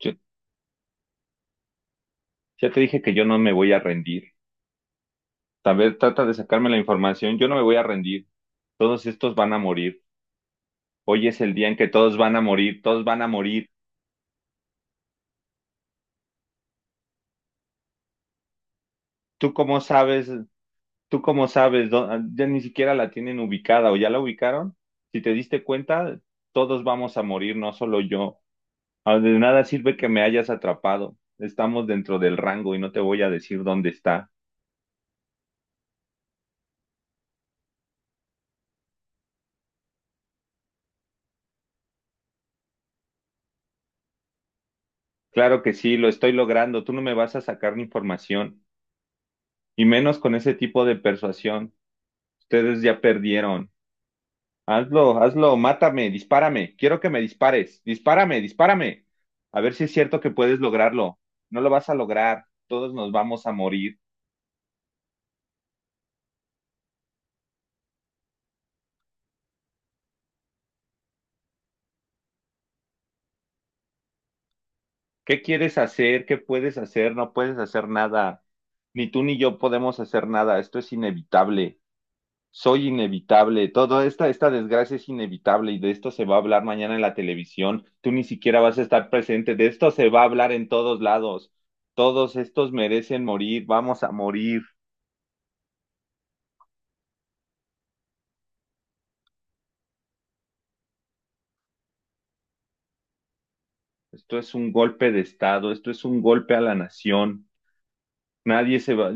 Yo- ya te dije que yo no me voy a rendir. Tal vez trata de sacarme la información. Yo no me voy a rendir. Todos estos van a morir. Hoy es el día en que todos van a morir. Todos van a morir. ¿Tú cómo sabes? ¿Tú cómo sabes? Ya ni siquiera la tienen ubicada o ya la ubicaron. Si te diste cuenta, todos vamos a morir, no solo yo. Ah, de nada sirve que me hayas atrapado. Estamos dentro del rango y no te voy a decir dónde está. Claro que sí, lo estoy logrando. Tú no me vas a sacar ni información. Y menos con ese tipo de persuasión. Ustedes ya perdieron. Hazlo, hazlo, mátame, dispárame. Quiero que me dispares. Dispárame, dispárame. A ver si es cierto que puedes lograrlo. No lo vas a lograr. Todos nos vamos a morir. ¿Qué quieres hacer? ¿Qué puedes hacer? No puedes hacer nada. Ni tú ni yo podemos hacer nada. Esto es inevitable. Soy inevitable, toda esta desgracia es inevitable, y de esto se va a hablar mañana en la televisión. Tú ni siquiera vas a estar presente, de esto se va a hablar en todos lados. Todos estos merecen morir, vamos a morir. Esto es un golpe de Estado, esto es un golpe a la nación. Nadie se va.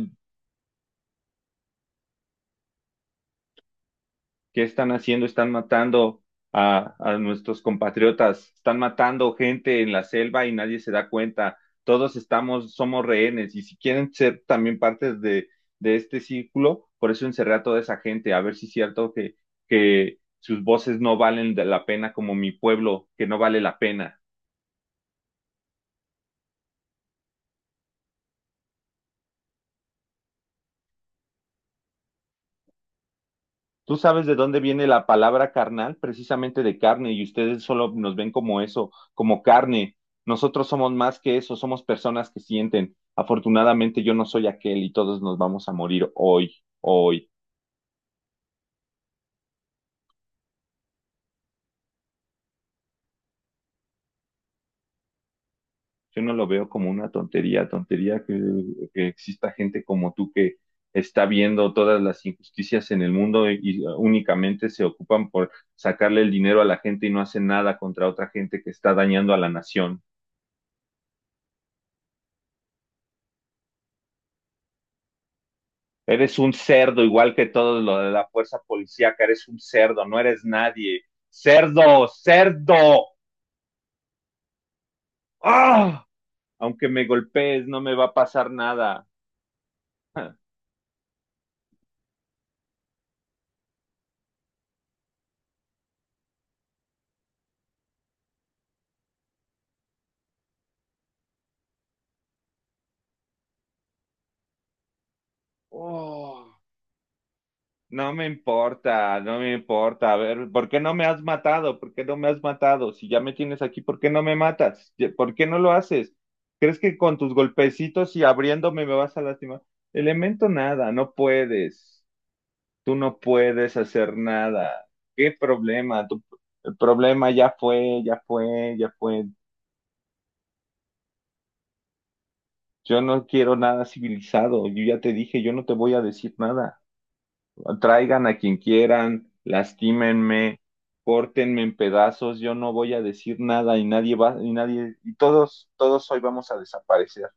¿Qué están haciendo? Están matando a nuestros compatriotas, están matando gente en la selva y nadie se da cuenta. Todos estamos, somos rehenes, y si quieren ser también partes de este círculo, por eso encerré a toda esa gente, a ver si es cierto que sus voces no valen de la pena como mi pueblo, que no vale la pena. Tú sabes de dónde viene la palabra carnal, precisamente de carne, y ustedes solo nos ven como eso, como carne. Nosotros somos más que eso, somos personas que sienten. Afortunadamente yo no soy aquel y todos nos vamos a morir hoy, hoy. Yo no lo veo como una tontería, tontería que exista gente como tú que está viendo todas las injusticias en el mundo, y únicamente se ocupan por sacarle el dinero a la gente y no hacen nada contra otra gente que está dañando a la nación. Eres un cerdo, igual que todo lo de la fuerza policíaca, eres un cerdo, no eres nadie. Cerdo, cerdo. ¡Ah! Aunque me golpees, no me va a pasar nada. Oh, no me importa, no me importa. A ver, ¿por qué no me has matado? ¿Por qué no me has matado? Si ya me tienes aquí, ¿por qué no me matas? ¿Por qué no lo haces? ¿Crees que con tus golpecitos y abriéndome me vas a lastimar? Elemento nada, no puedes. Tú no puedes hacer nada. ¿Qué problema? El problema ya fue, ya fue, ya fue. Yo no quiero nada civilizado. Yo ya te dije, yo no te voy a decir nada. Traigan a quien quieran, lastímenme, córtenme en pedazos. Yo no voy a decir nada y nadie va, y nadie, y todos, todos hoy vamos a desaparecer.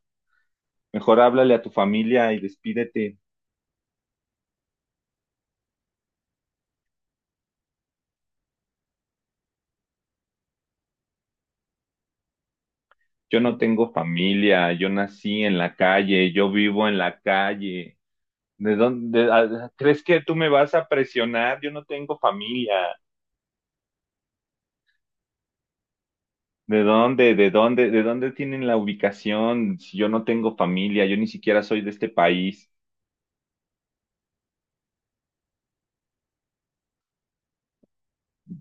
Mejor háblale a tu familia y despídete. Yo no tengo familia, yo nací en la calle, yo vivo en la calle. ¿De dónde? ¿Crees que tú me vas a presionar? Yo no tengo familia. ¿De dónde? ¿De dónde? ¿De dónde tienen la ubicación? Si yo no tengo familia, yo ni siquiera soy de este país.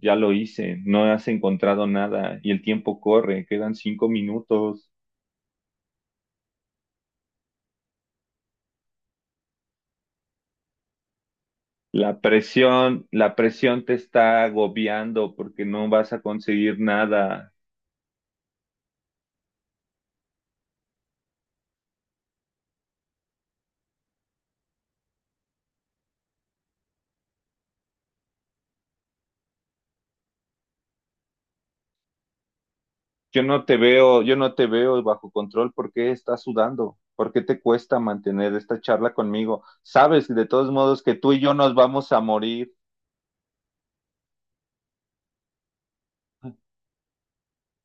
Ya lo hice, no has encontrado nada y el tiempo corre, quedan 5 minutos. La presión te está agobiando porque no vas a conseguir nada. Yo no te veo, yo no te veo bajo control. ¿Por qué estás sudando? ¿Por qué te cuesta mantener esta charla conmigo? Sabes de todos modos que tú y yo nos vamos a morir.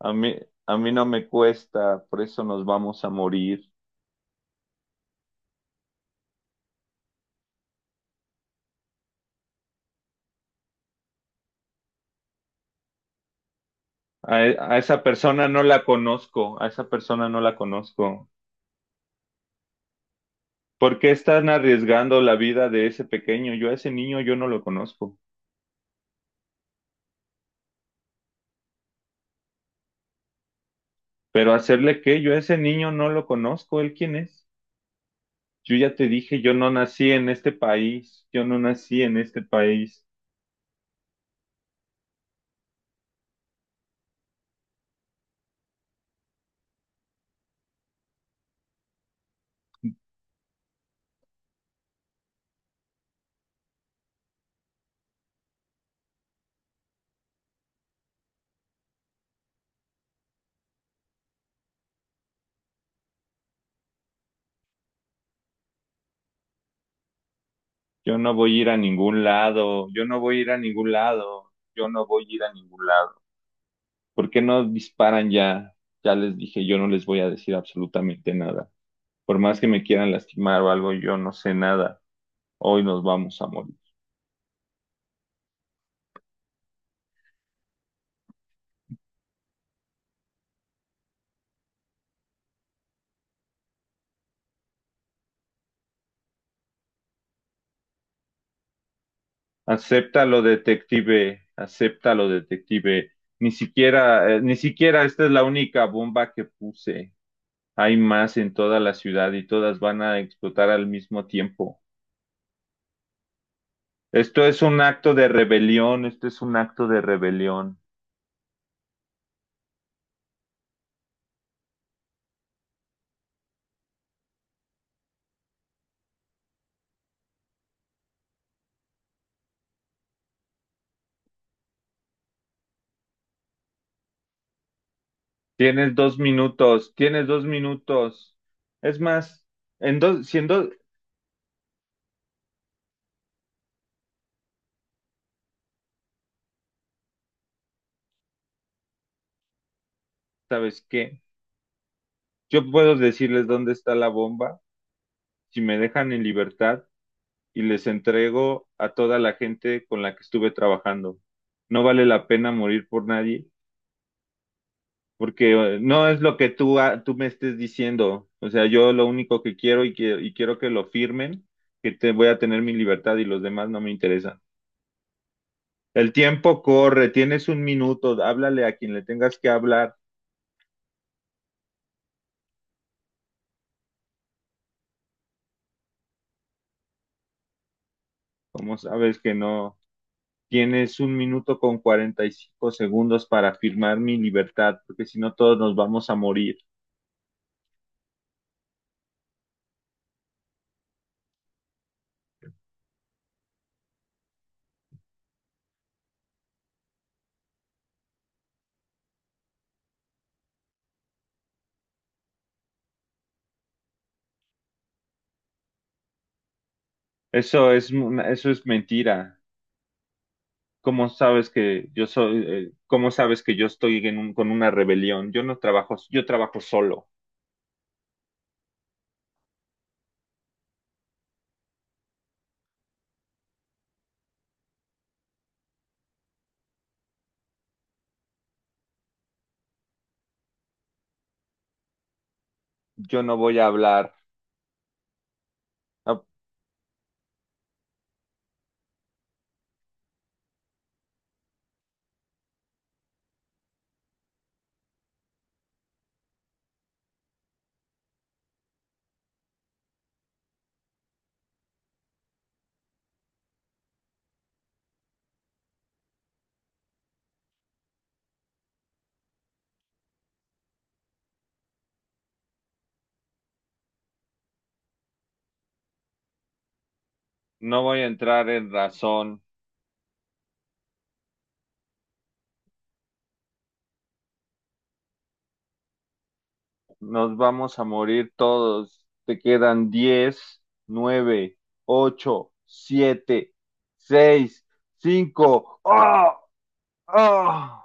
A mí, a mí no me cuesta, por eso nos vamos a morir. A esa persona no la conozco, a esa persona no la conozco. ¿Por qué están arriesgando la vida de ese pequeño? Yo a ese niño yo no lo conozco. Pero hacerle qué, yo a ese niño no lo conozco. ¿Él quién es? Yo ya te dije, yo no nací en este país, yo no nací en este país, yo no voy a ir a ningún lado, yo no voy a ir a ningún lado, yo no voy a ir a ningún lado. ¿Por qué no disparan ya? Ya les dije, yo no les voy a decir absolutamente nada. Por más que me quieran lastimar o algo, yo no sé nada. Hoy nos vamos a morir. Acéptalo, detective, acéptalo, detective. Ni siquiera, ni siquiera esta es la única bomba que puse. Hay más en toda la ciudad y todas van a explotar al mismo tiempo. Esto es un acto de rebelión, esto es un acto de rebelión. Tienes 2 minutos, tienes dos minutos. Es más, en dos, si en dos, ¿sabes qué? Yo puedo decirles dónde está la bomba si me dejan en libertad y les entrego a toda la gente con la que estuve trabajando. No vale la pena morir por nadie porque no es lo que tú, tú me estés diciendo. O sea, yo lo único que quiero y quiero que lo firmen, que te voy a tener mi libertad y los demás no me interesan. El tiempo corre, tienes un minuto, háblale a quien le tengas que hablar, como sabes que no. Tienes 1 minuto con 45 segundos para firmar mi libertad, porque si no todos nos vamos a morir. Eso es, eso es mentira. ¿Cómo sabes que yo soy, cómo sabes que yo estoy en con una rebelión? Yo no trabajo, yo trabajo solo. Yo no voy a hablar, no, no voy a entrar en razón. Nos vamos a morir todos. Te quedan 10, 9, 8, 7, 6, cinco. ¡Ah! ¡Ah!